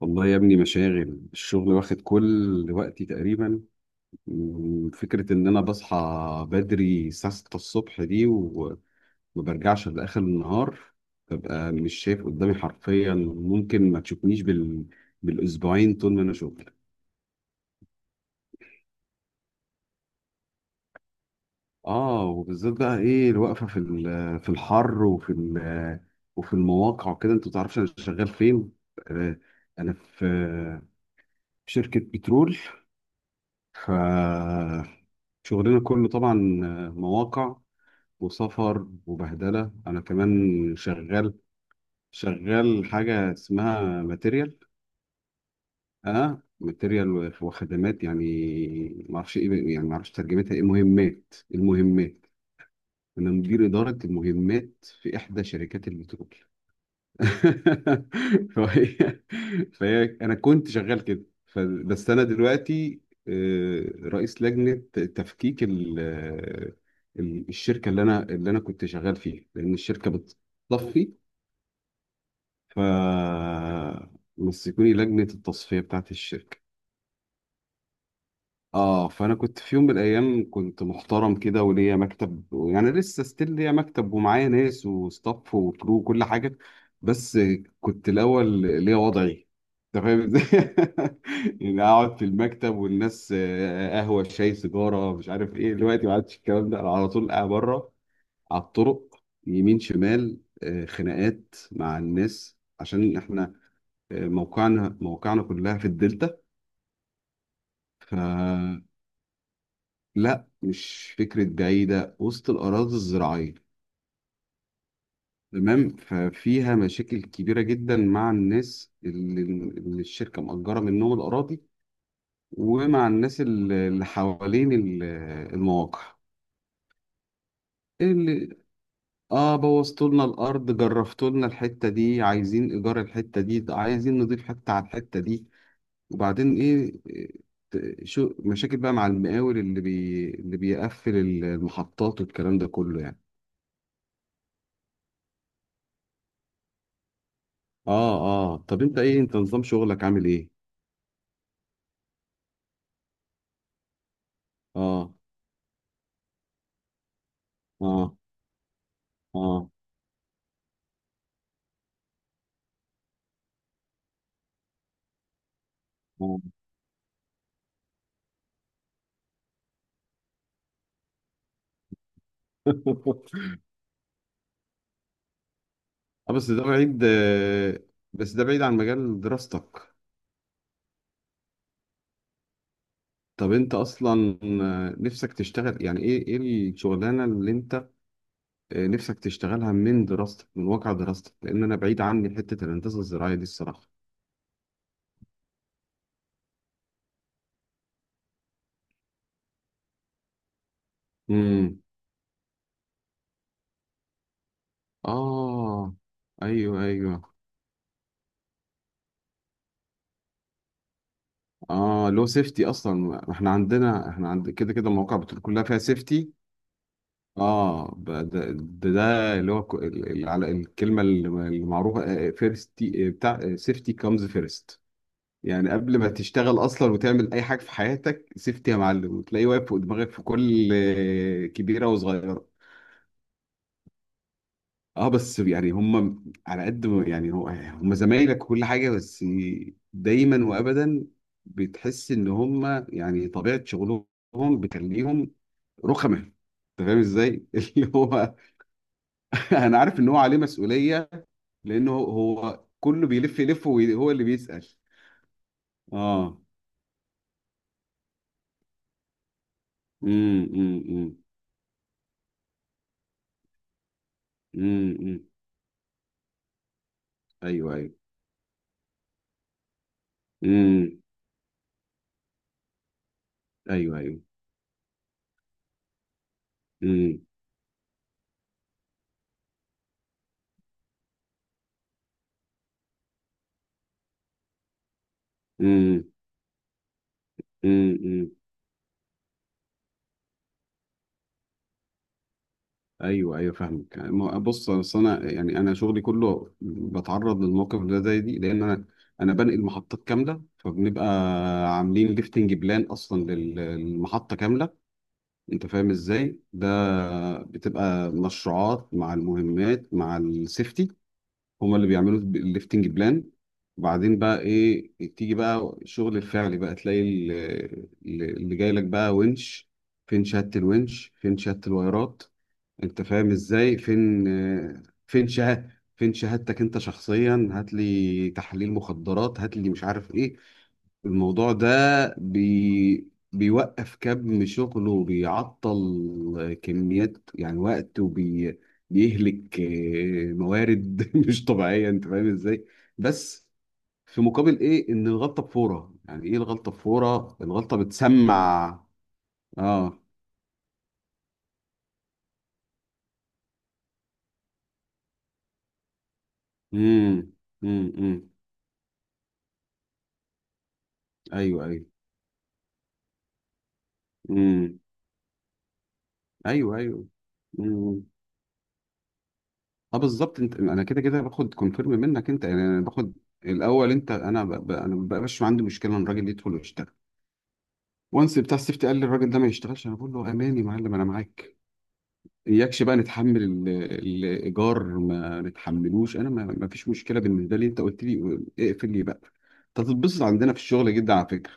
والله يا ابني، مشاغل الشغل واخد كل وقتي تقريبا. فكرة ان انا بصحى بدري الساعة 6 الصبح دي وما برجعش لآخر النهار، ببقى مش شايف قدامي حرفيا، ممكن ما تشوفنيش بالاسبوعين طول ما انا شغل. اه، وبالذات بقى ايه الوقفة في الحر وفي المواقع وكده، انت متعرفش انا شغال فين. آه، انا في شركة بترول. ف شغلنا كله طبعا مواقع وسفر وبهدلة، أنا كمان شغال. حاجة اسمها ماتيريال. أه، ماتيريال وخدمات، يعني معرفش إيه، يعني معرفش ترجمتها إيه، مهمات. المهمات، أنا مدير إدارة المهمات في إحدى شركات البترول. فهي فهي انا كنت شغال كده، بس انا دلوقتي رئيس لجنه تفكيك الشركه اللي انا كنت شغال فيها، لان الشركه بتطفي، فمسكوني لجنه التصفيه بتاعت الشركه. اه، فانا كنت في يوم من الايام كنت محترم كده وليا مكتب، يعني لسه ستيل ليا مكتب ومعايا ناس وستاف وكرو وكل حاجه. بس كنت الاول ليا وضعي، انت فاهم ازاي. يعني اقعد في المكتب والناس قهوه شاي سيجاره مش عارف ايه. دلوقتي ما عادش الكلام ده، أنا على طول قاعد بره، على الطرق، يمين شمال، خناقات مع الناس عشان احنا موقعنا كلها في الدلتا. لا، مش فكرة بعيدة، وسط الأراضي الزراعية. تمام، ففيها مشاكل كبيرة جدا مع الناس اللي الشركة مأجرة منهم الأراضي، ومع الناس اللي حوالين المواقع، اللي، اه، بوظتوا لنا الأرض، جرفتوا لنا الحتة دي، عايزين إيجار الحتة دي، عايزين نضيف حتة على الحتة دي. وبعدين إيه، شو مشاكل بقى مع المقاول اللي بيقفل المحطات والكلام ده كله يعني. اه. اه، طب انت ايه، انت نظام شغلك عامل ايه. اه. اه. اه. اه. بس ده بعيد. بس ده بعيد عن مجال دراستك. طب انت اصلا نفسك تشتغل، يعني ايه ايه الشغلانه اللي انت نفسك تشتغلها من دراستك، من واقع دراستك، لان انا بعيد عني حته الهندسه الزراعيه دي الصراحه. امم. اه. ايوه ايوه. اه، لو سيفتي اصلا ما احنا عندنا، احنا عند كده كده المواقع بتقول كلها فيها سيفتي. اه، ده اللي هو على الكلمه اللي معروفه، فيرست بتاع سيفتي، كامز فيرست. يعني قبل ما تشتغل اصلا وتعمل اي حاجه في حياتك سيفتي يا معلم، وتلاقيه واقف فوق دماغك في كل كبيره وصغيره. اه، بس يعني هم على قد ما، يعني هو هم زمايلك وكل حاجه، بس دايما وابدا بتحس ان هم يعني طبيعه شغلهم بتخليهم رخمه، انت فاهم ازاي؟ اللي هو انا عارف ان هو عليه مسؤوليه. لانه هو كله بيلف يلف وهو اللي بيسأل. اه. امم. إمم. ايوه ايوه. امم. ايوه ايوه. امم. امم إمم. ايوه ايوه فاهمك. يعني بص، أصل انا يعني انا شغلي كله بتعرض للموقف ده زي دي، لان انا بنقل محطات كامله، فبنبقى عاملين ليفتنج بلان اصلا للمحطه كامله. انت فاهم ازاي ده، بتبقى مشروعات مع المهمات مع السيفتي، هما اللي بيعملوا الليفتنج بلان. وبعدين بقى ايه، تيجي بقى الشغل الفعلي، بقى تلاقي اللي جاي لك بقى ونش، فين شهادة الونش، فين شهادة الوايرات، انت فاهم ازاي، فين فين شهادة، فين شهادتك انت شخصيا، هات لي تحليل مخدرات، هات لي مش عارف ايه. الموضوع ده بيوقف كم شغله، وبيعطل كميات يعني وقت، بيهلك موارد مش طبيعية، انت فاهم ازاي. بس في مقابل ايه، ان الغلطة بفورة، يعني ايه الغلطة بفورة، الغلطة بتسمع. اه. امم إمم. ايوه ايوه. امم. ايوه ايوه. إمم. اه بالظبط. انت انا كده كده باخد كونفيرم منك انت، يعني انا باخد الاول انت، انا انا ما بقاش عندي مشكله ان الراجل يدخل ويشتغل. وانس بتاع السيفتي قال لي الراجل ده ما يشتغلش، انا بقول له اماني يا معلم انا معاك. اياكش بقى نتحمل الايجار ما نتحملوش، انا ما فيش مشكله بالنسبه لي، انت قلت لي اقفل لي بقى. انت هتتبسط عندنا في الشغل جدا على فكره.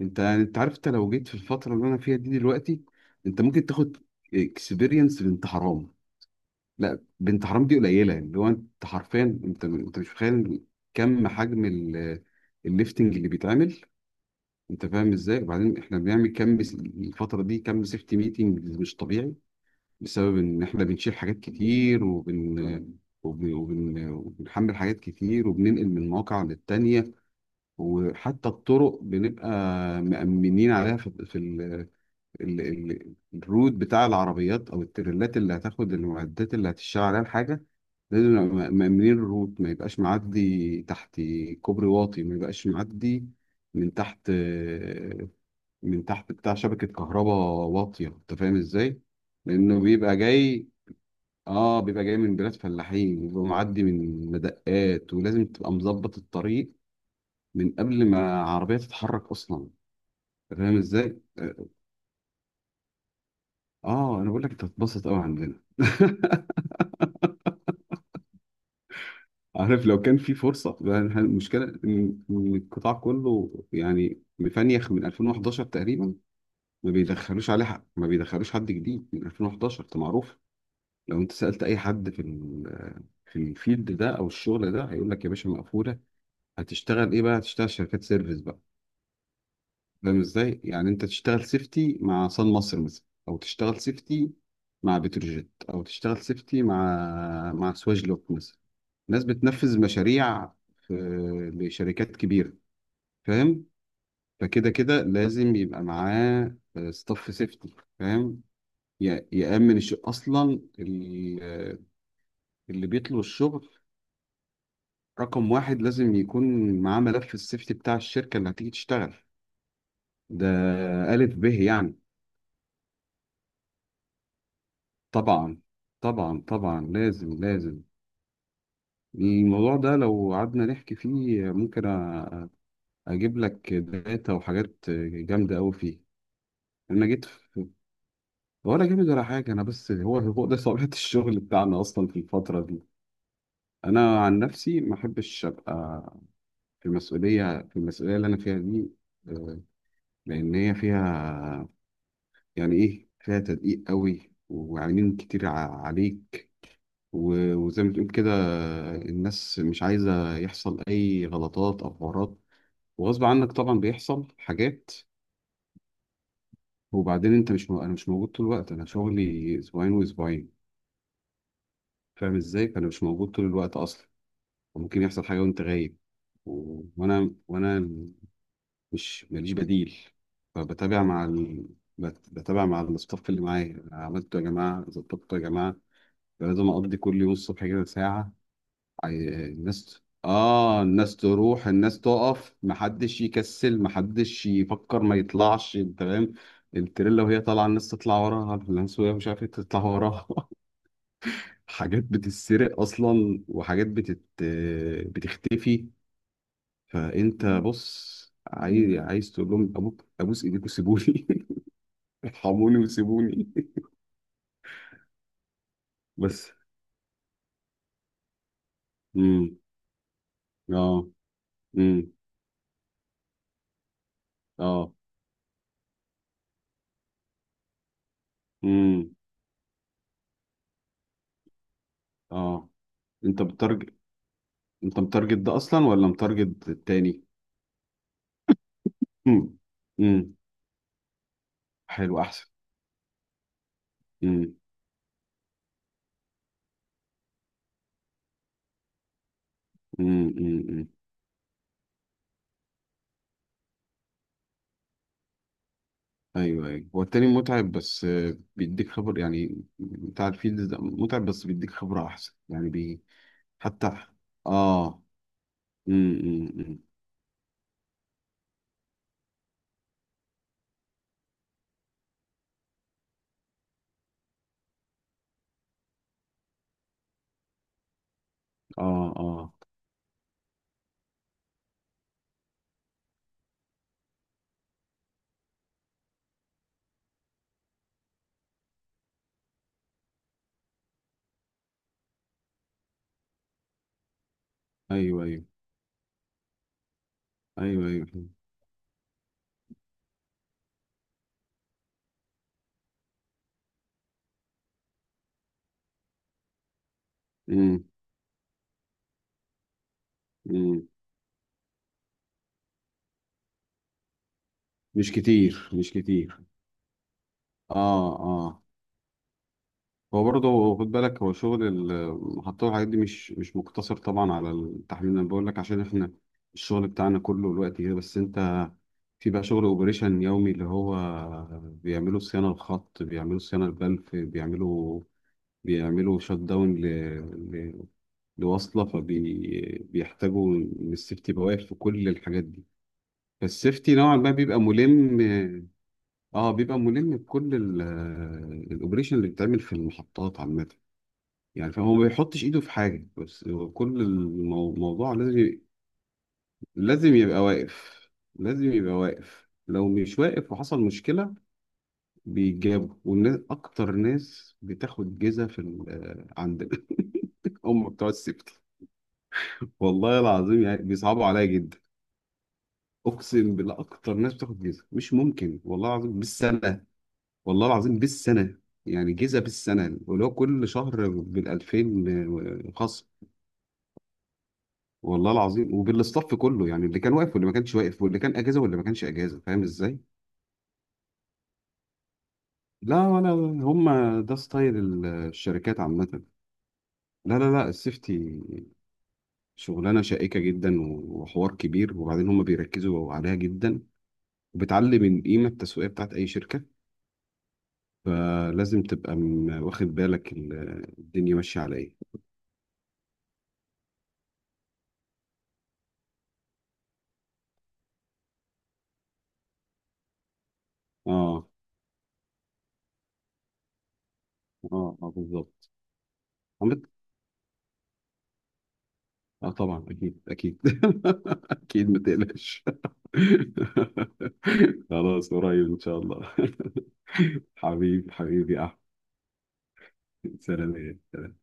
انت عارف، انت لو جيت في الفتره اللي انا فيها دي دلوقتي، انت ممكن تاخد اكسبيرينس بنت حرام. لا، بنت حرام دي قليله، يعني اللي هو انت حرفيا انت مش متخيل كم حجم الليفتنج اللي بيتعمل. انت فاهم ازاي، وبعدين احنا بنعمل كم الفتره دي كم سيفتي ميتنج، مش طبيعي، بسبب ان احنا بنشيل حاجات كتير وبنحمل حاجات كتير وبننقل من مواقع للتانية. وحتى الطرق بنبقى مأمنين عليها، في الرود بتاع العربيات او التريلات اللي هتاخد المعدات اللي هتشتغل عليها الحاجه، لازم نبقى مأمنين الروت، ما يبقاش معدي تحت كوبري واطي، ما يبقاش معدي من تحت، بتاع شبكه كهرباء واطيه، انت فاهم ازاي؟ لانه بيبقى جاي. اه، بيبقى جاي من بلاد فلاحين، بيبقى معدي من مدقات، ولازم تبقى مظبط الطريق من قبل ما عربيه تتحرك اصلا، انت فاهم ازاي؟ اه. انا بقول لك انت هتتبسط قوي عندنا. عارف، لو كان في فرصة، لأن المشكلة إن القطاع كله يعني مفنيخ من 2011 تقريبا، ما بيدخلوش عليه حق، ما بيدخلوش حد جديد من 2011 ده معروف. لو أنت سألت أي حد في في الفيلد ده أو الشغل ده هيقول لك يا باشا مقفولة، هتشتغل إيه بقى؟ هتشتغل شركات سيرفيس بقى. فاهم إزاي؟ يعني أنت تشتغل سيفتي مع صن مصر مثلا، أو تشتغل سيفتي مع بتروجيت، أو تشتغل سيفتي مع سواجلوك مثلا. ناس بتنفذ مشاريع في لشركات كبيرة، فاهم. فكده كده لازم يبقى معاه ستاف سيفتي، فاهم. يأمن أصلا اللي بيطلب الشغل، رقم واحد لازم يكون معاه ملف السيفتي بتاع الشركة اللي هتيجي تشتغل ده. ألف به يعني. طبعا. طبعا لازم الموضوع ده لو قعدنا نحكي فيه ممكن أجيب لك داتا وحاجات جامدة أوي فيه. انا جيت. ولا جامد ولا حاجة، أنا بس هو ده طبيعة الشغل بتاعنا أصلا في الفترة دي. أنا عن نفسي ما أحبش أبقى في مسؤولية، في المسؤولية اللي أنا فيها دي، آه، لأن هي فيها، يعني إيه، فيها تدقيق قوي وعينين كتير عليك. و- وزي ما تقول كده الناس مش عايزة يحصل أي غلطات أو حوارات، وغصب عنك طبعا بيحصل حاجات. وبعدين أنت مش م... أنا مش موجود طول الوقت، أنا شغلي أسبوعين وأسبوعين، فاهم إزاي، فأنا مش موجود طول الوقت أصلا. وممكن يحصل حاجة وأنت غايب، و- وأنا مش ماليش بديل. فبتابع مع بتابع مع الستاف اللي معايا، عملته يا جماعة، ظبطته يا جماعة. لازم أقضي كل يوم الصبح كده ساعة. الناس، آه، الناس تروح، الناس تقف، محدش يكسل، محدش يفكر ما يطلعش تمام التريلا وهي طالعة، الناس تطلع وراها، الناس وهي مش عارفة تطلع وراها. حاجات بتتسرق أصلا، وحاجات بتختفي. فانت بص، عايز تقول لهم ابوك، ابوس ايديك وسيبوني. ارحموني وسيبوني. بس. امم. اه. امم. اه. امم. اه، انت بتارجت، انت متارجت ده اصلا ولا متارجت التاني؟ امم. امم. حلو، احسن. امم. امم. امم. ايوه ايوه، هو التاني متعب، بس بيديك خبر، يعني بتاع الفيلد ده متعب بس بيديك خبرة احسن، يعني بي. حتى. اه. أمم. اه. اه. ايوه ايوه. ايوه ايوه. امم. امم. مش كتير، مش كتير. اه. اه، هو برضه خد بالك، هو شغل المحطة والحاجات دي مش مقتصر طبعا على التحميل، انا بقول لك عشان احنا الشغل بتاعنا كله الوقت كده، بس انت في بقى شغل اوبريشن يومي اللي هو بيعملوا صيانة الخط، بيعملوا صيانة البلف، بيعملوا شت داون ل... لوصلة، فبيحتاجوا إن السيفتي بواقف في كل الحاجات دي. فالسيفتي نوعا ما بيبقى ملم. اه، بيبقى ملم بكل الاوبريشن اللي بيتعمل في المحطات عامه يعني. فهو ما بيحطش ايده في حاجه، بس هو كل الموضوع لازم لازم يبقى واقف. لازم يبقى واقف، لو مش واقف وحصل مشكله، بيجابوا، والناس اكتر ناس بتاخد جزا في عندنا. هم بتوع السيفتي، والله العظيم يعني بيصعبوا عليا جدا. اقسم بالله اكتر ناس بتاخد جزا، مش ممكن والله العظيم بالسنه، والله العظيم بالسنة، يعني جيزة بالسنة ولو كل شهر بالألفين خصم. والله العظيم، وبالاستاف كله، يعني اللي كان واقف واللي ما كانش واقف، واللي كان أجازة واللي ما كانش أجازة، فاهم إزاي؟ لا، ولا، هم ده ستايل الشركات عامة. لا لا لا، السيفتي شغلانة شائكة جدا وحوار كبير، وبعدين هم بيركزوا عليها جدا، وبتعلي من القيمة التسويقية بتاعت أي شركة، فلازم تبقى واخد بالك الدنيا ماشية على إيه. اه. اه. اه بالظبط. عامة، اه طبعا، اكيد اكيد. اكيد ما تقلقش. خلاص، قريب ان شاء الله. حبيبي، حبيبي يا احمد. سلام.